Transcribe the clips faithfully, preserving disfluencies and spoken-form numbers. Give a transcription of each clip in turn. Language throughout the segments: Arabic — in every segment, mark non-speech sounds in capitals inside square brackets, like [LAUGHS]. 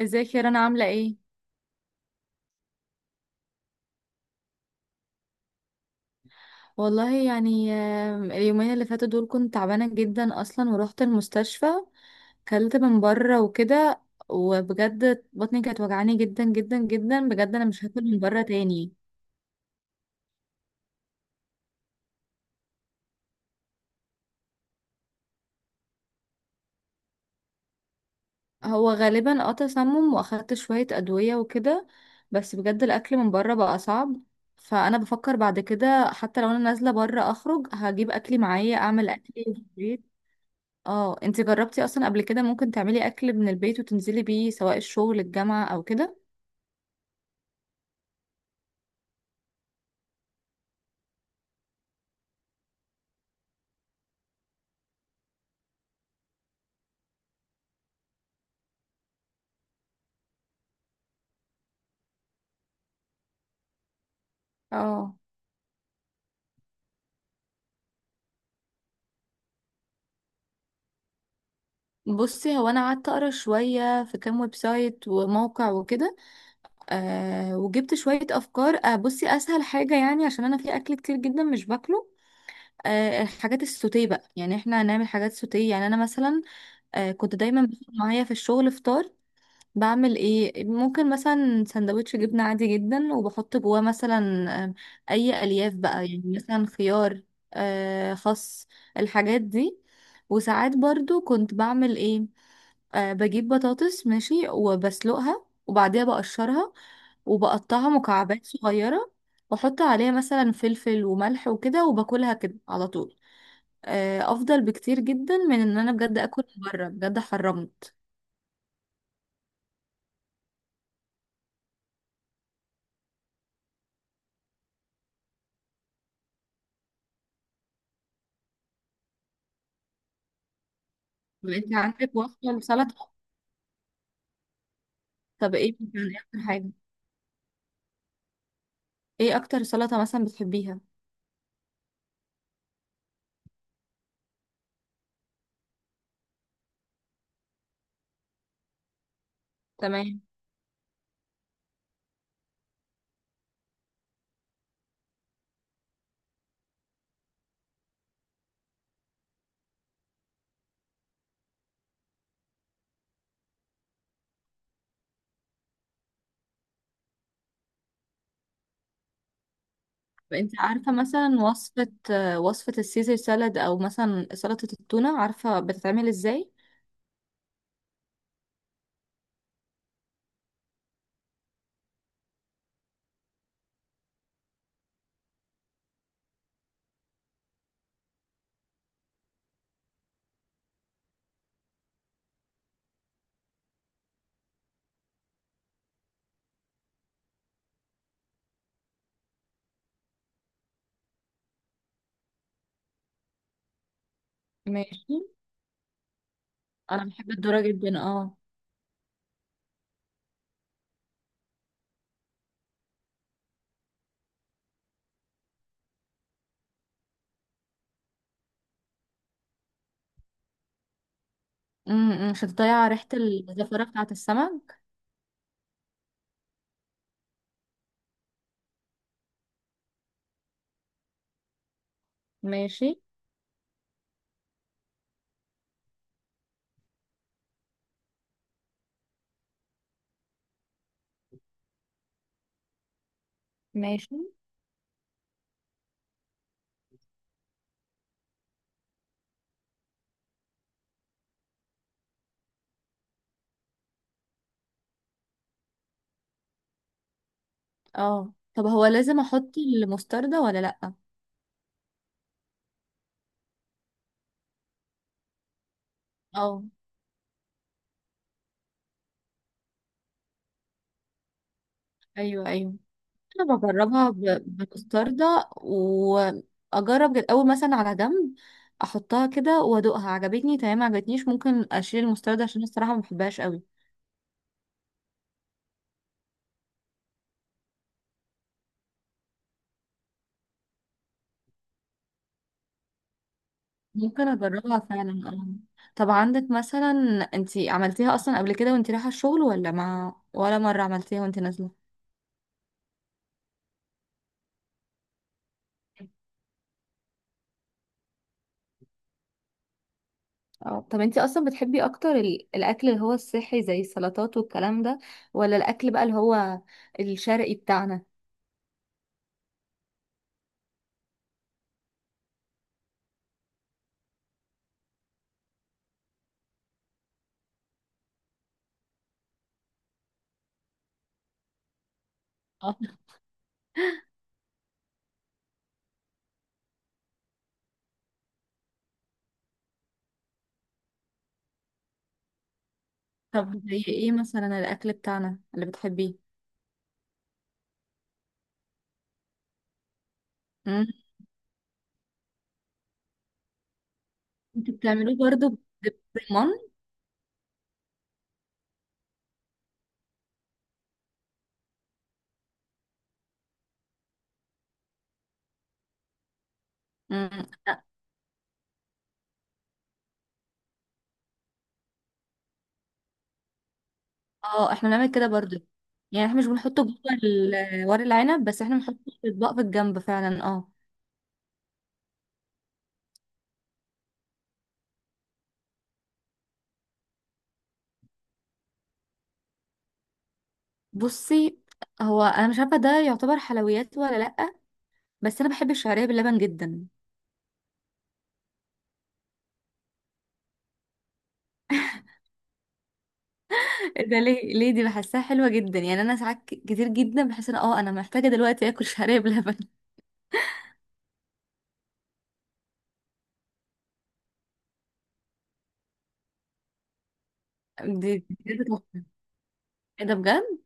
ازيك يا رنا، عاملة ايه؟ والله يعني، آم، اليومين اللي فاتوا دول كنت تعبانة جدا اصلا ورحت المستشفى. كلت من بره وكده، وبجد بطني كانت وجعاني جدا جدا جدا، بجد انا مش هاكل من بره تاني. هو غالبا اه تسمم، واخدت شوية ادوية وكده، بس بجد الاكل من بره بقى صعب. فانا بفكر بعد كده، حتى لو انا نازلة بره اخرج هجيب اكلي معايا، اعمل اكلي في البيت. اه، انت جربتي اصلا قبل كده؟ ممكن تعملي اكل من البيت وتنزلي بيه سواء الشغل، الجامعة، او كده؟ اه. بصي هو انا قعدت اقرا شويه في كام ويب سايت وموقع وكده، أه وجبت شويه افكار. أه بصي، اسهل حاجه، يعني عشان انا في اكل كتير جدا مش باكله، أه الحاجات السوتيه بقى، يعني احنا هنعمل حاجات سوتيه، يعني انا مثلا أه كنت دايما باخد معايا في الشغل فطار. بعمل ايه؟ ممكن مثلا سندوتش جبنة عادي جدا، وبحط جواه مثلا، آم، اي الياف بقى، يعني مثلا خيار، آه، خس، الحاجات دي. وساعات برضو كنت بعمل ايه؟ آه، بجيب بطاطس ماشي، وبسلقها، وبعديها بقشرها، وبقطعها مكعبات صغيرة، واحط عليها مثلا فلفل وملح وكده، وباكلها كده على طول. آه، افضل بكتير جدا من ان انا بجد اكل من بره، بجد حرمت. انت عندك وصفة لسلطة؟ طب ايه يعني اكتر حاجة، ايه اكتر سلطة مثلا بتحبيها؟ تمام. طب انت عارفة مثلا وصفة، آه، وصفة السيزر سالاد، او مثلا سلطة التونة، عارفة بتتعمل ازاي؟ ماشي. انا بحب الذرة جدا، اه. أمم، أمم، عشان تضيع ريحة الزفرة بتاعة السمك. ماشي. ماشي. اه، طب هو لازم احط المستردة ولا لأ؟ اه، ايوه، ايوه. انا بجربها ب- بمستردة، واجرب الاول مثلا على جنب، احطها كده وادوقها، عجبتني تمام، ما عجبتنيش ممكن اشيل المستردة، عشان الصراحة ما بحبهاش قوي. ممكن اجربها فعلا آه. طب عندك مثلا، انتي عملتيها اصلا قبل كده وانتي رايحة الشغل، ولا ما ولا مرة عملتيها وانتي نازلة؟ اه، طب انتي اصلا بتحبي اكتر ال- الاكل اللي هو الصحي، زي السلطات والكلام ده، ولا الاكل بقى اللي هو الشرقي بتاعنا؟ اه. طب زي ايه مثلا الاكل بتاعنا اللي بتحبيه؟ مم. انتوا بتعملوه برضو ب- بالرمان؟ مم. لا. اه، احنا بنعمل كده برضو، يعني احنا مش بنحطه جوه ال- ورق العنب، بس احنا بنحطه في اطباق في الجنب فعلا، اه. بصي، هو انا مش عارفه ده يعتبر حلويات ولا لا، بس انا بحب الشعريه باللبن جدا. [LAUGHS] إيه ده؟ ليه، ليه؟ دي بحسها حلوه جدا، يعني انا ساعات ك- كتير جدا بحس ان، اه انا محتاجه دلوقتي اكل شعريه بلبن. [LAUGHS] دي بجد تحفه. ايه ده بجد.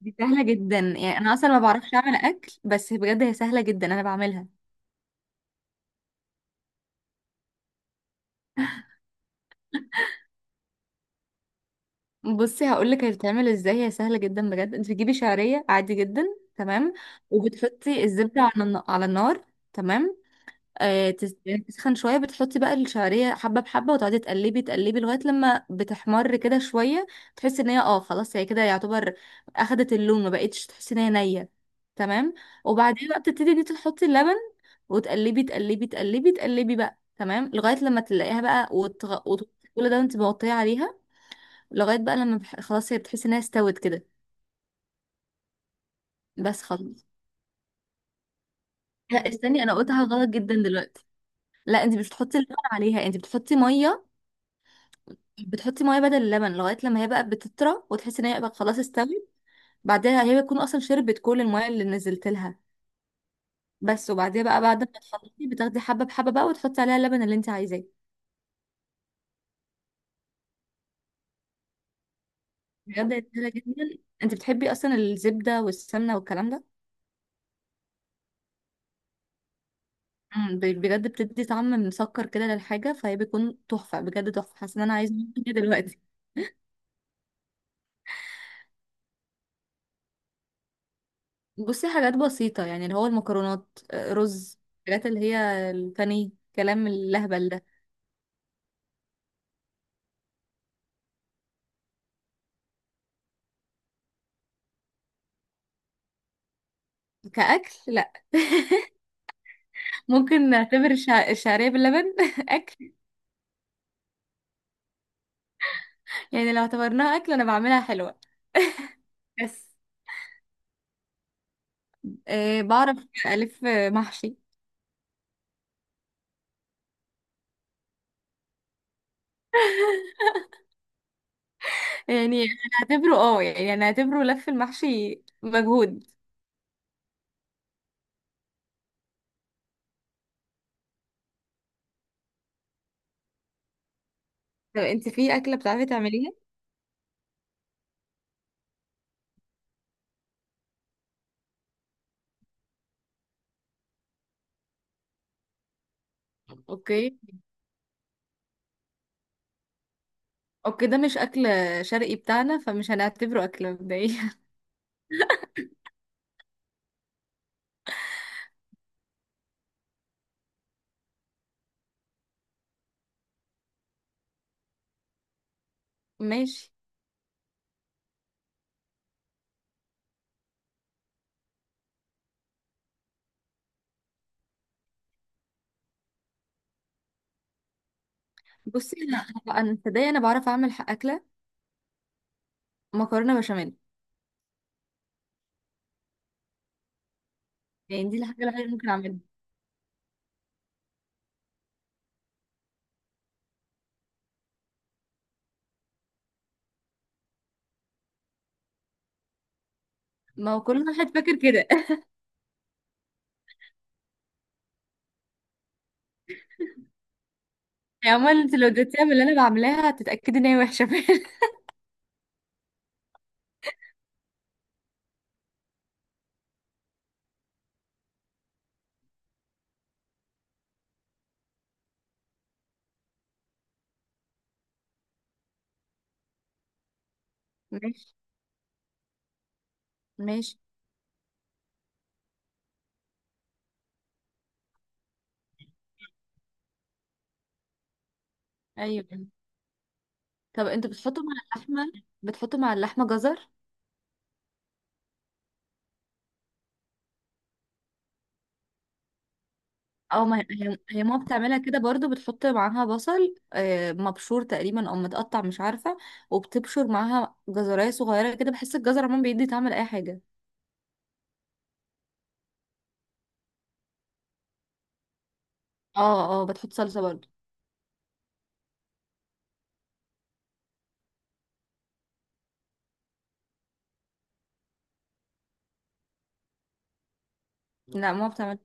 دي سهله جدا، يعني انا اصلا ما بعرفش اعمل اكل، بس بجد هي سهله جدا، انا بعملها. بصي هقولك هي بتتعمل ازاي، هي سهله جدا بجد. انت بتجيبي شعريه عادي جدا. تمام. وبتحطي الزبده على الن- على النار. تمام. آه تس- يعني تسخن شويه، بتحطي بقى الشعريه حبه بحبه، وتقعدي تقلبي تقلبي لغايه لما بتحمر كده شويه. تحسي ان هي، اه خلاص، هي كده يعتبر اخدت اللون، ما بقتش تحسي ان هي نيه. تمام. وبعدين بقى بتبتدي ان انت تحطي اللبن، وتقلبي تقلبي تقلبي تقلبي بقى، تمام، لغايه لما تلاقيها بقى، وتغ... وت... كل ده انت مغطيه عليها، لغايه بقى لما بح... خلاص، هي بتحس انها استوت كده. بس خلاص. لا، استني، انا قلتها غلط جدا دلوقتي. لا، انت مش بتحطي اللبن عليها، انت بتحطي ميه. بتحطي ميه بدل اللبن لغايه لما هي بقى بتطرى، وتحسي ان هي بقى خلاص استوت. بعدها هي بتكون اصلا شربت كل الميه اللي نزلت لها. بس. وبعديها بقى، بعد ما تحطي، بتاخدي حبه بحبه بقى، وتحطي عليها اللبن اللي انت عايزاه. بجد هي سهله جدا. انت بتحبي اصلا الزبده والسمنه والكلام ده؟ مم، ب- بجد بتدي طعم مسكر كده للحاجه، فهي بيكون تحفه، بجد تحفه. حاسه ان انا عايزه أعمل كده دلوقتي. بصي، حاجات بسيطة، يعني اللي هو المكرونات، آه، رز، الحاجات اللي هي الفني كلام اللهبل ده. كأكل لا. [LAUGHS] ممكن نعتبر الشع- الشعرية باللبن [LAUGHS] أكل. يعني لو اعتبرناها أكل، أنا بعملها حلوة، بس أه بعرف ألف محشي. يعني هنعتبره، اه يعني هنعتبره لف المحشي مجهود. طب انت في أكلة بتعرفي تعمليها؟ اوكي. اوكي، ده مش أكل شرقي بتاعنا، فمش هنعتبره أكلة مبدئيا. [LAUGHS] ماشي. بصي انا، انا أنا- تصدقي انا بعرف اعمل ح- اكله مكرونه بشاميل. يعني دي الحاجه الوحيده اللي ممكن اعملها. ما هو كل واحد فاكر كده. [LAUGHS] يعني عمال، انت لو اديتيها من اللي انا بعملها هتتاكدي ان هي وحشه فعلا. [LAUGHS] ماشي. ماشي. ايوه. طب انتوا بتحطوا مع اللحمه، بتحطوا مع اللحمه جزر؟ او ما هي هي ماما بتعملها كده برضو، بتحط معاها بصل، آه، مبشور تقريبا او متقطع مش عارفه، وبتبشر معاها جزرايه صغيره كده، بحس الجزر عموما بيدي طعم لاي حاجه. اه، اه، بتحط صلصه برضو. لا، ماما بتعمل.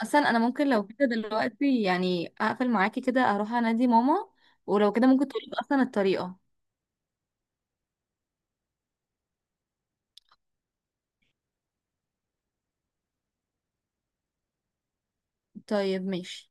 اصلا انا ممكن لو كده دلوقتي يعني اقفل معاكي كده، اروح انادي ماما، ولو كده ممكن تقولي اصلا الطريقة. طيب، ماشي.